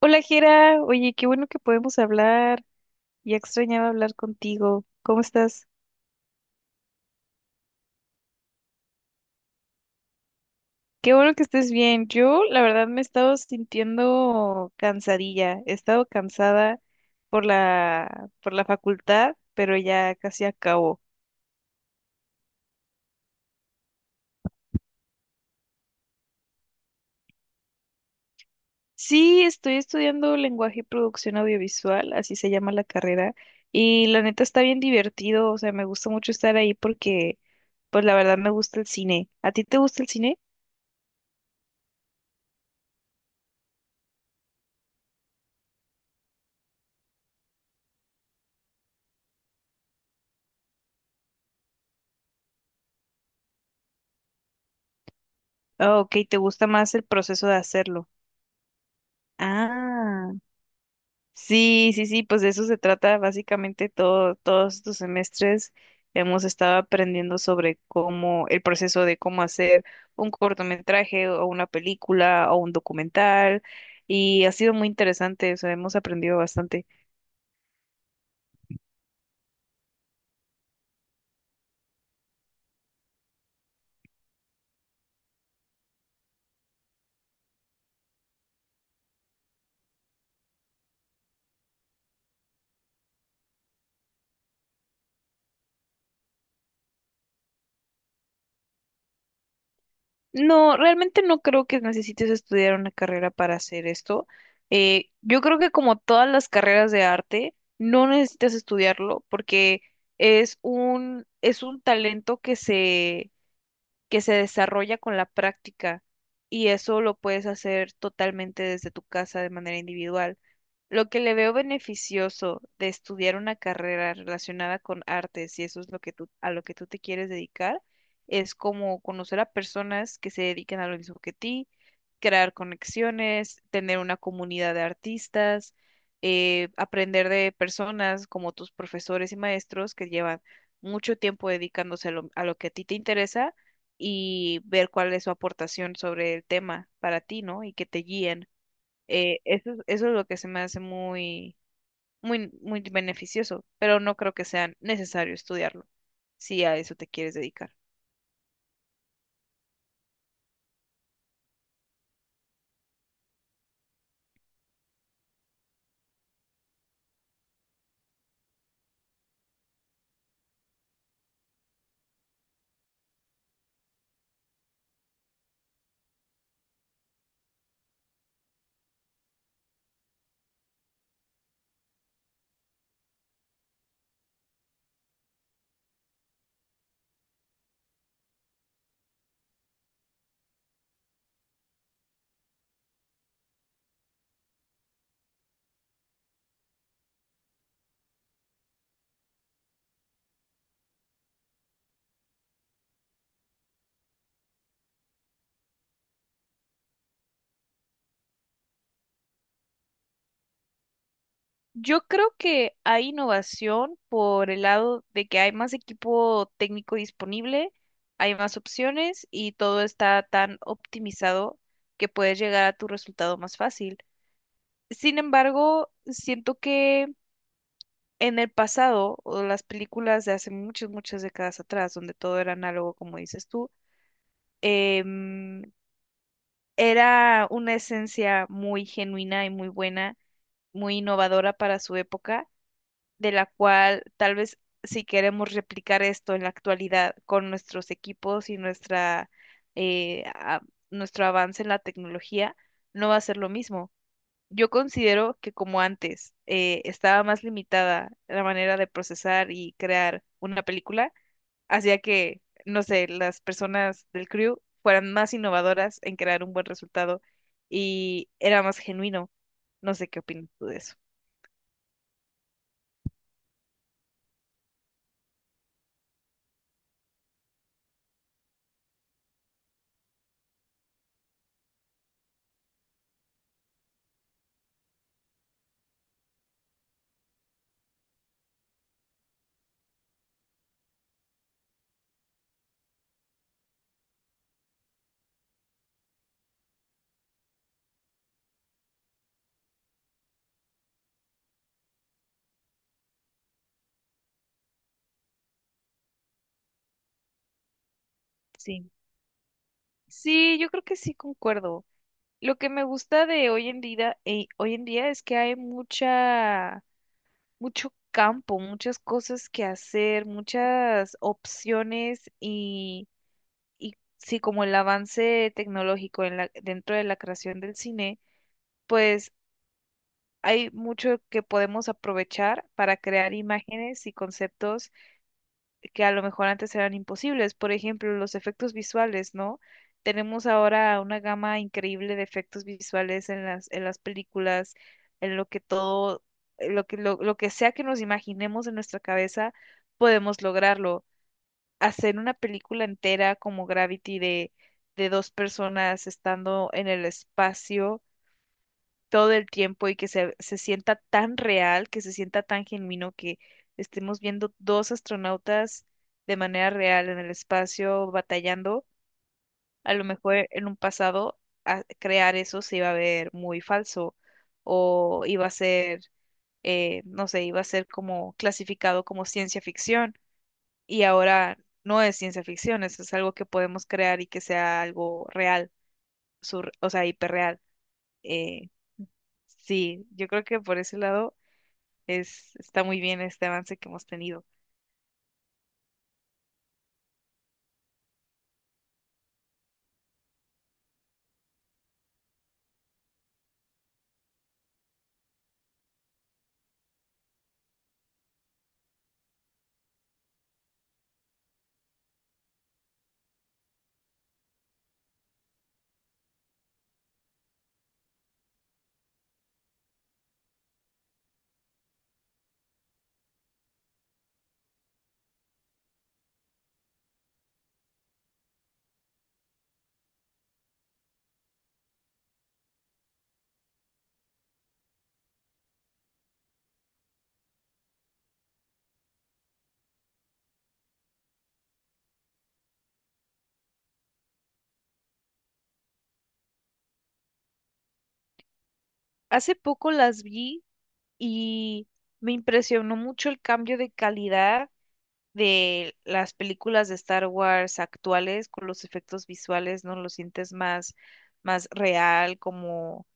Hola, Jera. Oye, qué bueno que podemos hablar. Ya extrañaba hablar contigo. ¿Cómo estás? Qué bueno que estés bien. Yo, la verdad, me he estado sintiendo cansadilla. He estado cansada por la facultad, pero ya casi acabo. Sí, estoy estudiando lenguaje y producción audiovisual, así se llama la carrera, y la neta está bien divertido. O sea, me gusta mucho estar ahí porque, pues, la verdad me gusta el cine. ¿A ti te gusta el cine? Ah, ok, ¿te gusta más el proceso de hacerlo? Ah, sí, sí, sí, pues de eso se trata básicamente todo, todos estos semestres hemos estado aprendiendo sobre cómo, el proceso de cómo hacer un cortometraje o una película o un documental y ha sido muy interesante, o sea, hemos aprendido bastante. No, realmente no creo que necesites estudiar una carrera para hacer esto. Yo creo que como todas las carreras de arte, no necesitas estudiarlo porque es un talento que se desarrolla con la práctica y eso lo puedes hacer totalmente desde tu casa de manera individual. Lo que le veo beneficioso de estudiar una carrera relacionada con artes, si eso es lo que tú, a lo que tú te quieres dedicar, es como conocer a personas que se dedican a lo mismo que ti, crear conexiones, tener una comunidad de artistas, aprender de personas como tus profesores y maestros que llevan mucho tiempo dedicándose a lo que a ti te interesa y ver cuál es su aportación sobre el tema para ti, ¿no? Y que te guíen. Eso es lo que se me hace muy, muy, muy beneficioso, pero no creo que sea necesario estudiarlo si a eso te quieres dedicar. Yo creo que hay innovación por el lado de que hay más equipo técnico disponible, hay más opciones y todo está tan optimizado que puedes llegar a tu resultado más fácil. Sin embargo, siento que en el pasado, o las películas de hace muchas, muchas décadas atrás, donde todo era análogo, como dices tú, em, era una esencia muy genuina y muy buena, muy innovadora para su época, de la cual tal vez si queremos replicar esto en la actualidad con nuestros equipos y nuestra, eh, a- nuestro avance en la tecnología, no va a ser lo mismo. Yo considero que como antes estaba más limitada la manera de procesar y crear una película, hacía que, no sé, las personas del crew fueran más innovadoras en crear un buen resultado y era más genuino. No sé qué opinas tú de eso. Sí. Sí, yo creo que sí concuerdo. Lo que me gusta de hoy en día es que hay mucho campo, muchas cosas que hacer, muchas opciones y sí, como el avance tecnológico dentro de la creación del cine, pues hay mucho que podemos aprovechar para crear imágenes y conceptos que a lo mejor antes eran imposibles. Por ejemplo, los efectos visuales, ¿no? Tenemos ahora una gama increíble de efectos visuales en las películas, en lo que todo, en lo que sea que nos imaginemos en nuestra cabeza, podemos lograrlo. Hacer una película entera como Gravity de dos personas estando en el espacio todo el tiempo y que se sienta tan real, que se sienta tan genuino, que estemos viendo dos astronautas de manera real en el espacio batallando, a lo mejor en un pasado crear eso se iba a ver muy falso o iba a ser, no sé, iba a ser como clasificado como ciencia ficción y ahora no es ciencia ficción, eso es algo que podemos crear y que sea algo real, o sea, hiperreal. Eh, sí, yo creo que por ese lado está muy bien este avance que hemos tenido. Hace poco las vi y me impresionó mucho el cambio de calidad de las películas de Star Wars actuales con los efectos visuales, ¿no? Lo sientes más, más real, como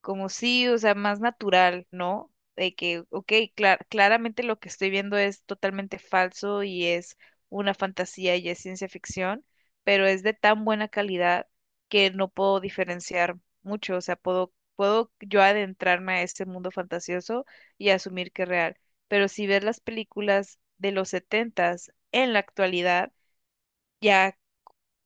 sí, o sea, más natural, ¿no? De que, ok, claramente lo que estoy viendo es totalmente falso y es una fantasía y es ciencia ficción, pero es de tan buena calidad que no puedo diferenciar mucho, o sea, puedo yo adentrarme a ese mundo fantasioso y asumir que es real, pero si ves las películas de los setentas en la actualidad, ya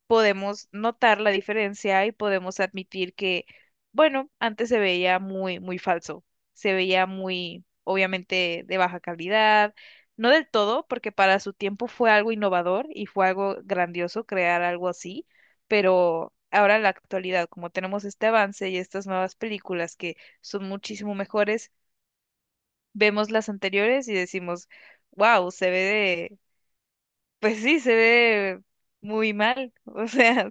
podemos notar la diferencia y podemos admitir que, bueno, antes se veía muy, muy falso, se veía muy, obviamente, de baja calidad, no del todo, porque para su tiempo fue algo innovador y fue algo grandioso crear algo así, pero ahora en la actualidad, como tenemos este avance y estas nuevas películas que son muchísimo mejores, vemos las anteriores y decimos, wow, se ve pues sí, se ve muy mal, o sea,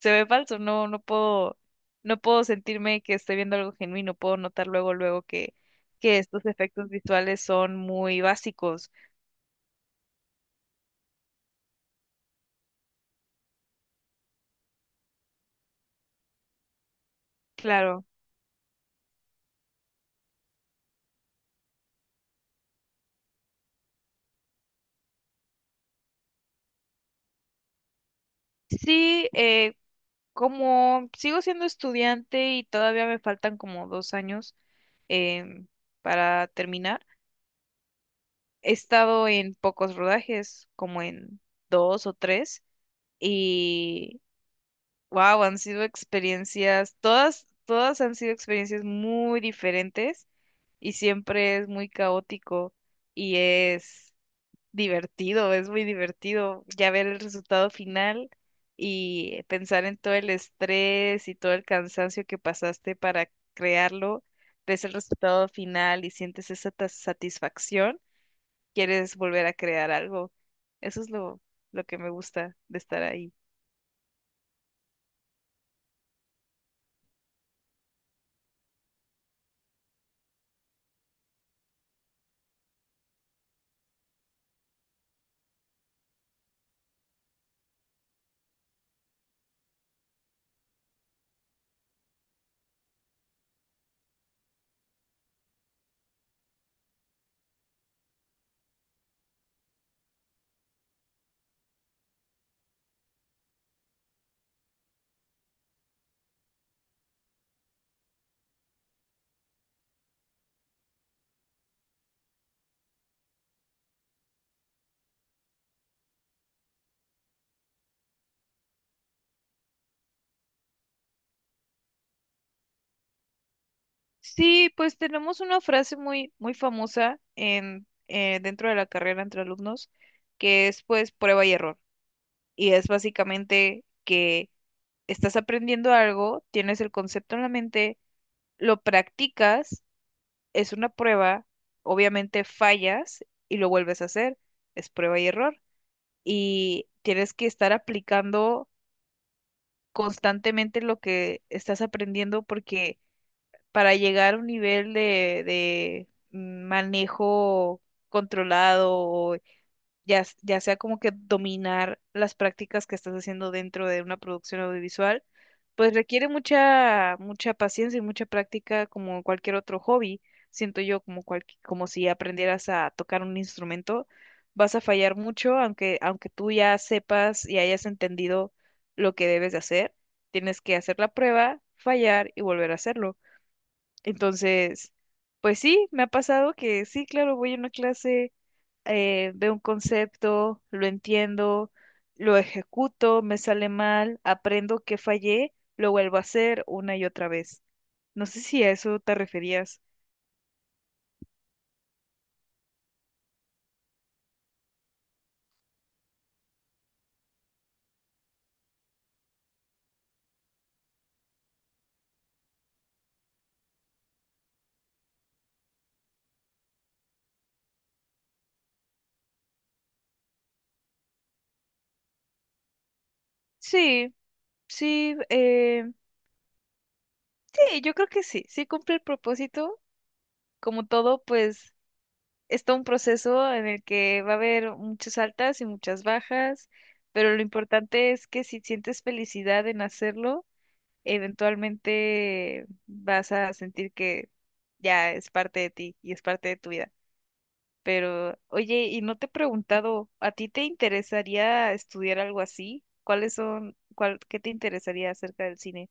se ve falso, no, no puedo sentirme que estoy viendo algo genuino, puedo notar luego, luego que, estos efectos visuales son muy básicos. Claro. Sí, como sigo siendo estudiante y todavía me faltan como 2 años em, para terminar, he estado en pocos rodajes, como en dos o tres, wow, han sido experiencias, todas, todas han sido experiencias muy diferentes y siempre es muy caótico y es divertido, es muy divertido ya ver el resultado final y pensar en todo el estrés y todo el cansancio que pasaste para crearlo, ves el resultado final y sientes esa satisfacción, quieres volver a crear algo. Eso es lo que me gusta de estar ahí. Sí, pues tenemos una frase muy, muy famosa dentro de la carrera entre alumnos, que es pues prueba y error. Y es básicamente que estás aprendiendo algo, tienes el concepto en la mente, lo practicas, es una prueba, obviamente fallas y lo vuelves a hacer, es prueba y error. Y tienes que estar aplicando constantemente lo que estás aprendiendo porque para llegar a un nivel de manejo controlado, o ya sea como que dominar las prácticas que estás haciendo dentro de una producción audiovisual, pues requiere mucha, mucha paciencia y mucha práctica como cualquier otro hobby. Siento yo como si aprendieras a tocar un instrumento, vas a fallar mucho, aunque tú ya sepas y hayas entendido lo que debes de hacer, tienes que hacer la prueba, fallar y volver a hacerlo. Entonces, pues sí, me ha pasado que sí, claro, voy a una clase, veo un concepto, lo entiendo, lo ejecuto, me sale mal, aprendo que fallé, lo vuelvo a hacer una y otra vez. No sé si a eso te referías. Sí, sí, sí, yo creo que sí, sí cumple el propósito. Como todo, pues está un proceso en el que va a haber muchas altas y muchas bajas, pero lo importante es que si sientes felicidad en hacerlo, eventualmente vas a sentir que ya es parte de ti y es parte de tu vida. Pero, oye, y no te he preguntado, ¿a ti te interesaría estudiar algo así? ¿Cuáles son, cuál, qué te interesaría acerca del cine?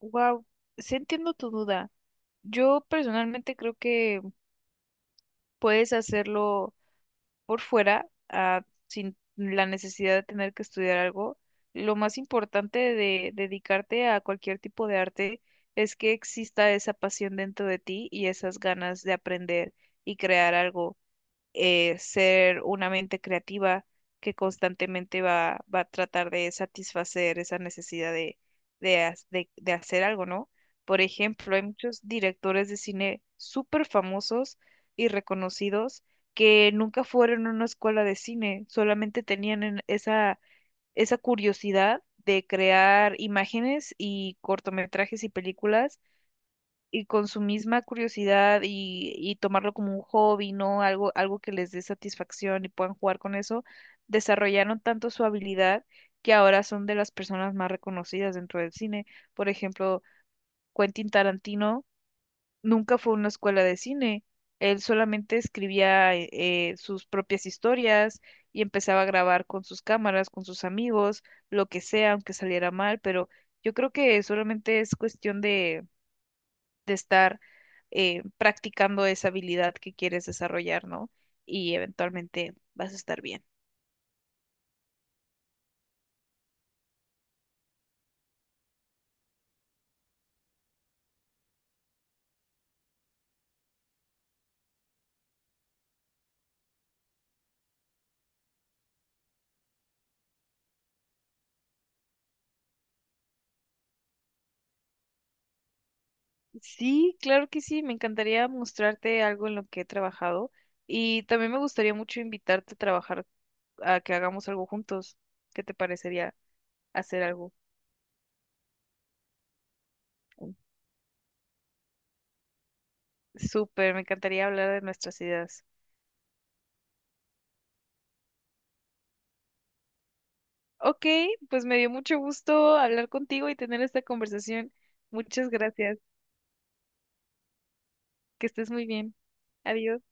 Wow, sí entiendo tu duda. Yo personalmente creo que puedes hacerlo por fuera, ah, sin la necesidad de tener que estudiar algo, lo más importante de dedicarte a cualquier tipo de arte es que exista esa pasión dentro de ti y esas ganas de aprender y crear algo ser una mente creativa que constantemente va a tratar de satisfacer esa necesidad de hacer algo, ¿no? Por ejemplo, hay muchos directores de cine súper famosos y reconocidos que nunca fueron a una escuela de cine, solamente tenían esa, curiosidad de crear imágenes y cortometrajes y películas y con su misma curiosidad y tomarlo como un hobby, ¿no? Algo, algo que les dé satisfacción y puedan jugar con eso, desarrollaron tanto su habilidad que ahora son de las personas más reconocidas dentro del cine. Por ejemplo, Quentin Tarantino nunca fue a una escuela de cine. Él solamente escribía sus propias historias y empezaba a grabar con sus cámaras, con sus amigos, lo que sea, aunque saliera mal, pero yo creo que solamente es cuestión de estar practicando esa habilidad que quieres desarrollar, ¿no? Y eventualmente vas a estar bien. Sí, claro que sí, me encantaría mostrarte algo en lo que he trabajado y también me gustaría mucho invitarte a trabajar, a que hagamos algo juntos. ¿Qué te parecería hacer algo? Súper, me encantaría hablar de nuestras ideas. Ok, pues me dio mucho gusto hablar contigo y tener esta conversación. Muchas gracias. Que estés muy bien. Adiós.